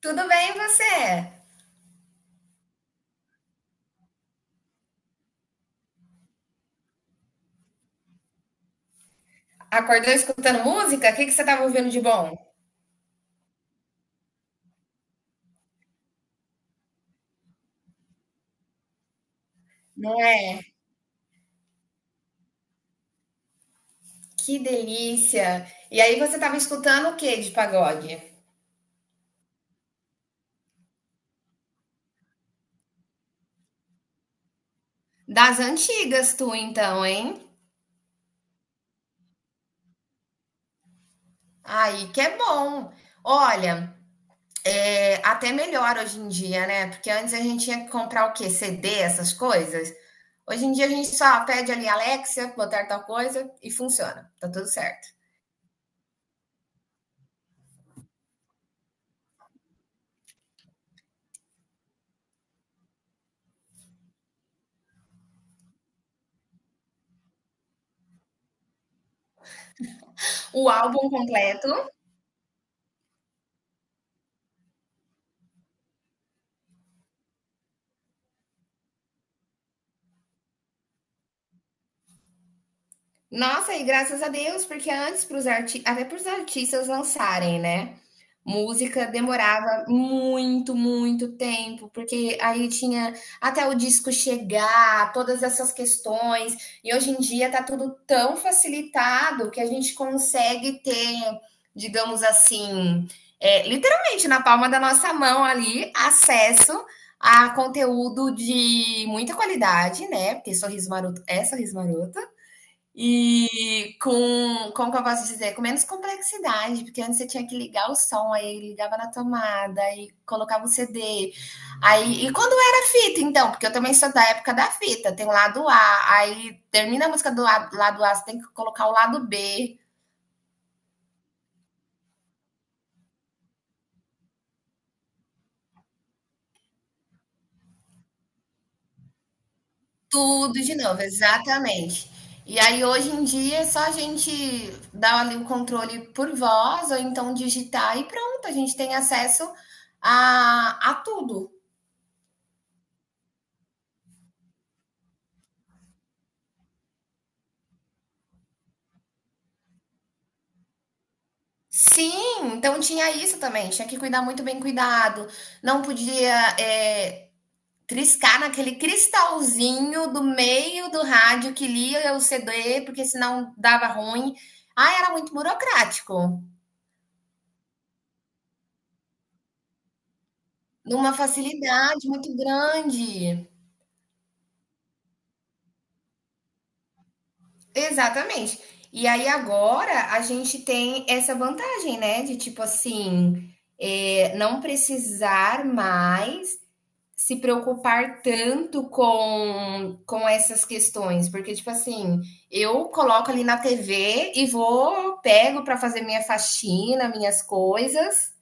Tudo bem, e você? Acordou escutando música? O que que você estava ouvindo de bom? Não é? Que delícia! E aí você estava escutando o que de pagode? Das antigas, tu então, hein? Aí que é bom. Olha, até melhor hoje em dia, né? Porque antes a gente tinha que comprar o quê? CD, essas coisas. Hoje em dia a gente só pede ali Alexa, botar tal coisa e funciona. Tá tudo certo. O álbum completo. Nossa, e graças a Deus, porque antes para os arti até para os artistas lançarem, né, música demorava muito, muito tempo, porque aí tinha até o disco chegar, todas essas questões, e hoje em dia está tudo tão facilitado que a gente consegue ter, digamos assim, literalmente na palma da nossa mão ali, acesso a conteúdo de muita qualidade, né, porque Sorriso Maroto é Sorriso Maroto. Como que eu posso dizer? Com menos complexidade, porque antes você tinha que ligar o som, aí ligava na tomada, aí colocava o CD. Aí, e quando era fita, então? Porque eu também sou da época da fita, tem o lado A, aí termina a música do lado A, você tem que colocar o lado B, tudo de novo, exatamente. E aí hoje em dia é só a gente dar ali o controle por voz, ou então digitar e pronto, a gente tem acesso a tudo. Sim, então tinha isso também. Tinha que cuidar muito bem cuidado. Não podia é, triscar naquele cristalzinho do meio do rádio que lia o CD, porque senão dava ruim. Ah, era muito burocrático. Numa facilidade muito grande. Exatamente. E aí agora a gente tem essa vantagem, né? De tipo assim, não precisar mais se preocupar tanto com essas questões, porque, tipo assim, eu coloco ali na TV e vou, pego para fazer minha faxina, minhas coisas,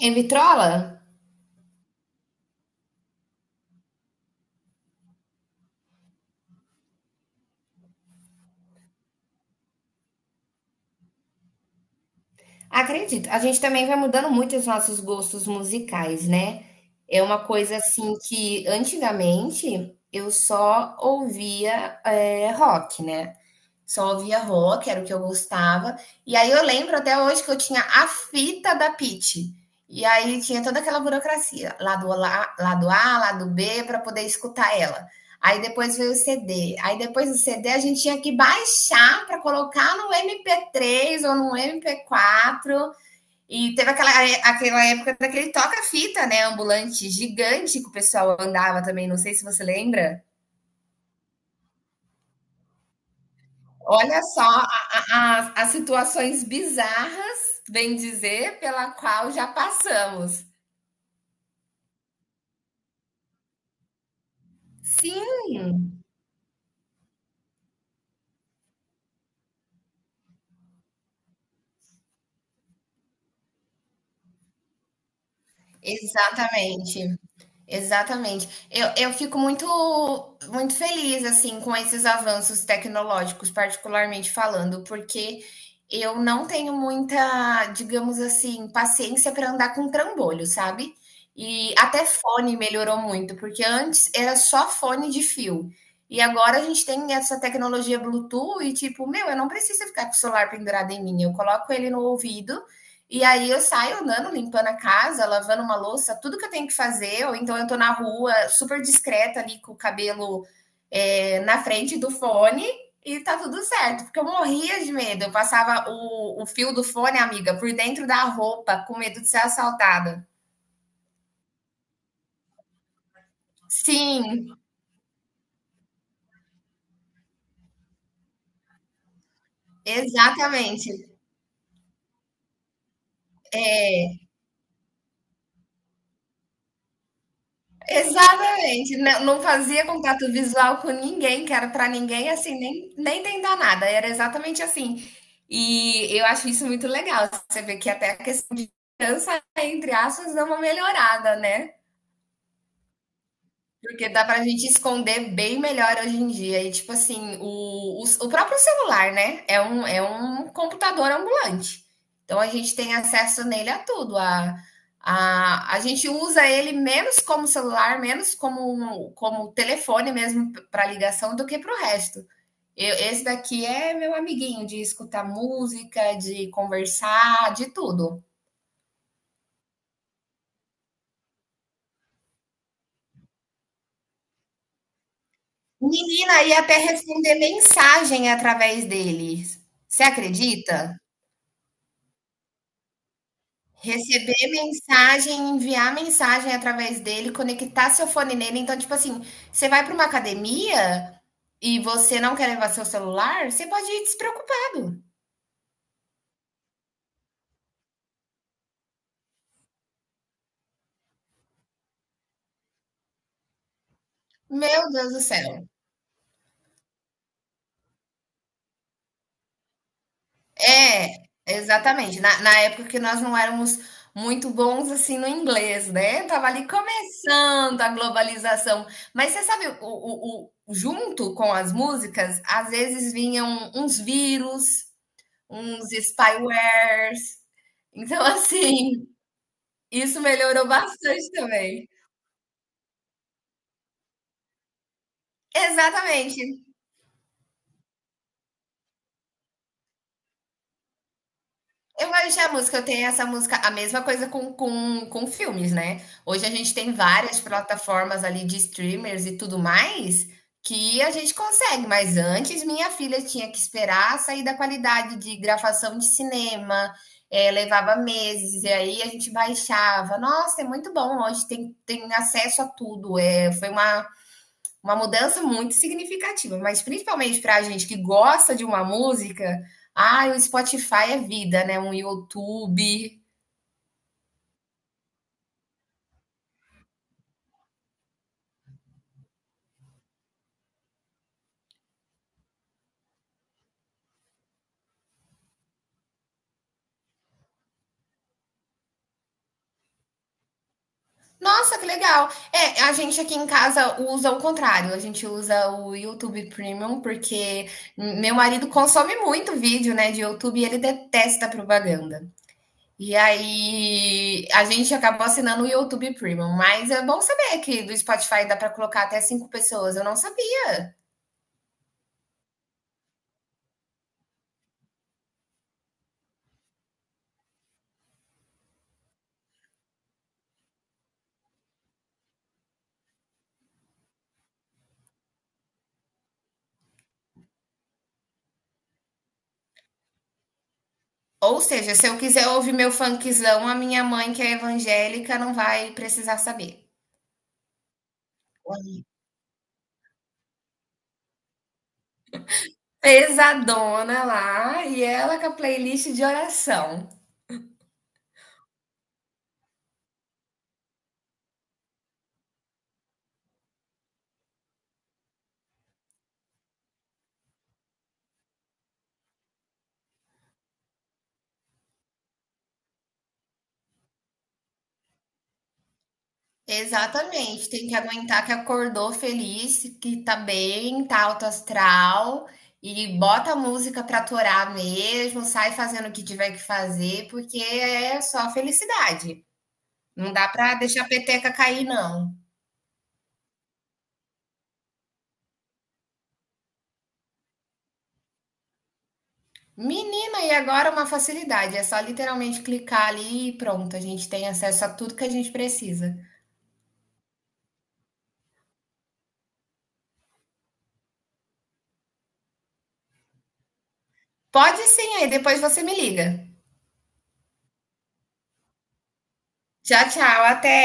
e me trola. Acredito, a gente também vai mudando muito os nossos gostos musicais, né? É uma coisa assim que antigamente eu só ouvia rock, né? Só ouvia rock, era o que eu gostava. E aí eu lembro até hoje que eu tinha a fita da Pitty. E aí tinha toda aquela burocracia, lado A, lado B, para poder escutar ela. Aí depois veio o CD. Aí depois do CD a gente tinha que baixar para colocar no MP3 ou no MP4. E teve aquela época daquele toca-fita, né? Ambulante gigante que o pessoal andava também, não sei se você lembra. Olha só as situações bizarras, bem dizer, pela qual já passamos. Sim, exatamente. Exatamente. Eu fico muito, muito feliz assim com esses avanços tecnológicos, particularmente falando, porque eu não tenho muita, digamos assim, paciência para andar com trambolho, sabe? E até fone melhorou muito, porque antes era só fone de fio. E agora a gente tem essa tecnologia Bluetooth e tipo, meu, eu não preciso ficar com o celular pendurado em mim, eu coloco ele no ouvido e aí eu saio andando, limpando a casa, lavando uma louça, tudo que eu tenho que fazer, ou então eu tô na rua, super discreta ali, com o cabelo na frente do fone, e tá tudo certo, porque eu morria de medo. Eu passava o fio do fone, amiga, por dentro da roupa, com medo de ser assaltada. Sim, exatamente. Exatamente, não fazia contato visual com ninguém, que era para ninguém, assim, nem tentar nada, era exatamente assim. E eu acho isso muito legal, você vê que até a questão de criança, entre aspas, dá uma melhorada, né? Porque dá pra gente esconder bem melhor hoje em dia. E, tipo assim, o próprio celular, né? É um computador ambulante. Então, a gente tem acesso nele a tudo. A gente usa ele menos como celular, menos como telefone mesmo para ligação do que para o resto. Esse daqui é meu amiguinho de escutar música, de conversar, de tudo. Menina, e até responder mensagem através dele. Você acredita? Receber mensagem, enviar mensagem através dele, conectar seu fone nele. Então, tipo assim, você vai para uma academia e você não quer levar seu celular, você pode ir despreocupado. Meu Deus do céu. É, exatamente. Na época que nós não éramos muito bons assim no inglês, né? Tava ali começando a globalização. Mas você sabe, junto com as músicas, às vezes vinham uns vírus, uns spywares. Então, assim, isso melhorou bastante também. Exatamente. Eu vou deixar a música, eu tenho essa música, a mesma coisa com filmes, né? Hoje a gente tem várias plataformas ali de streamers e tudo mais que a gente consegue, mas antes minha filha tinha que esperar sair da qualidade de gravação de cinema, levava meses, e aí a gente baixava. Nossa, é muito bom, hoje tem, acesso a tudo. É, foi uma mudança muito significativa, mas principalmente pra gente que gosta de uma música, ah, o Spotify é vida, né, um YouTube. Nossa, que legal. É, a gente aqui em casa usa o contrário, a gente usa o YouTube Premium porque meu marido consome muito vídeo, né, de YouTube e ele detesta propaganda. E aí a gente acabou assinando o YouTube Premium, mas é bom saber que do Spotify dá para colocar até 5 pessoas, eu não sabia. Ou seja, se eu quiser ouvir meu funkzão, a minha mãe, que é evangélica, não vai precisar saber. Pesadona lá, e ela com a playlist de oração. Exatamente, tem que aguentar que acordou feliz, que tá bem, tá alto astral e bota a música pra torar mesmo, sai fazendo o que tiver que fazer, porque é só felicidade. Não dá pra deixar a peteca cair, não. Menina, e agora uma facilidade, é só literalmente clicar ali e pronto, a gente tem acesso a tudo que a gente precisa. Pode sim, aí depois você me liga. Tchau, tchau, até.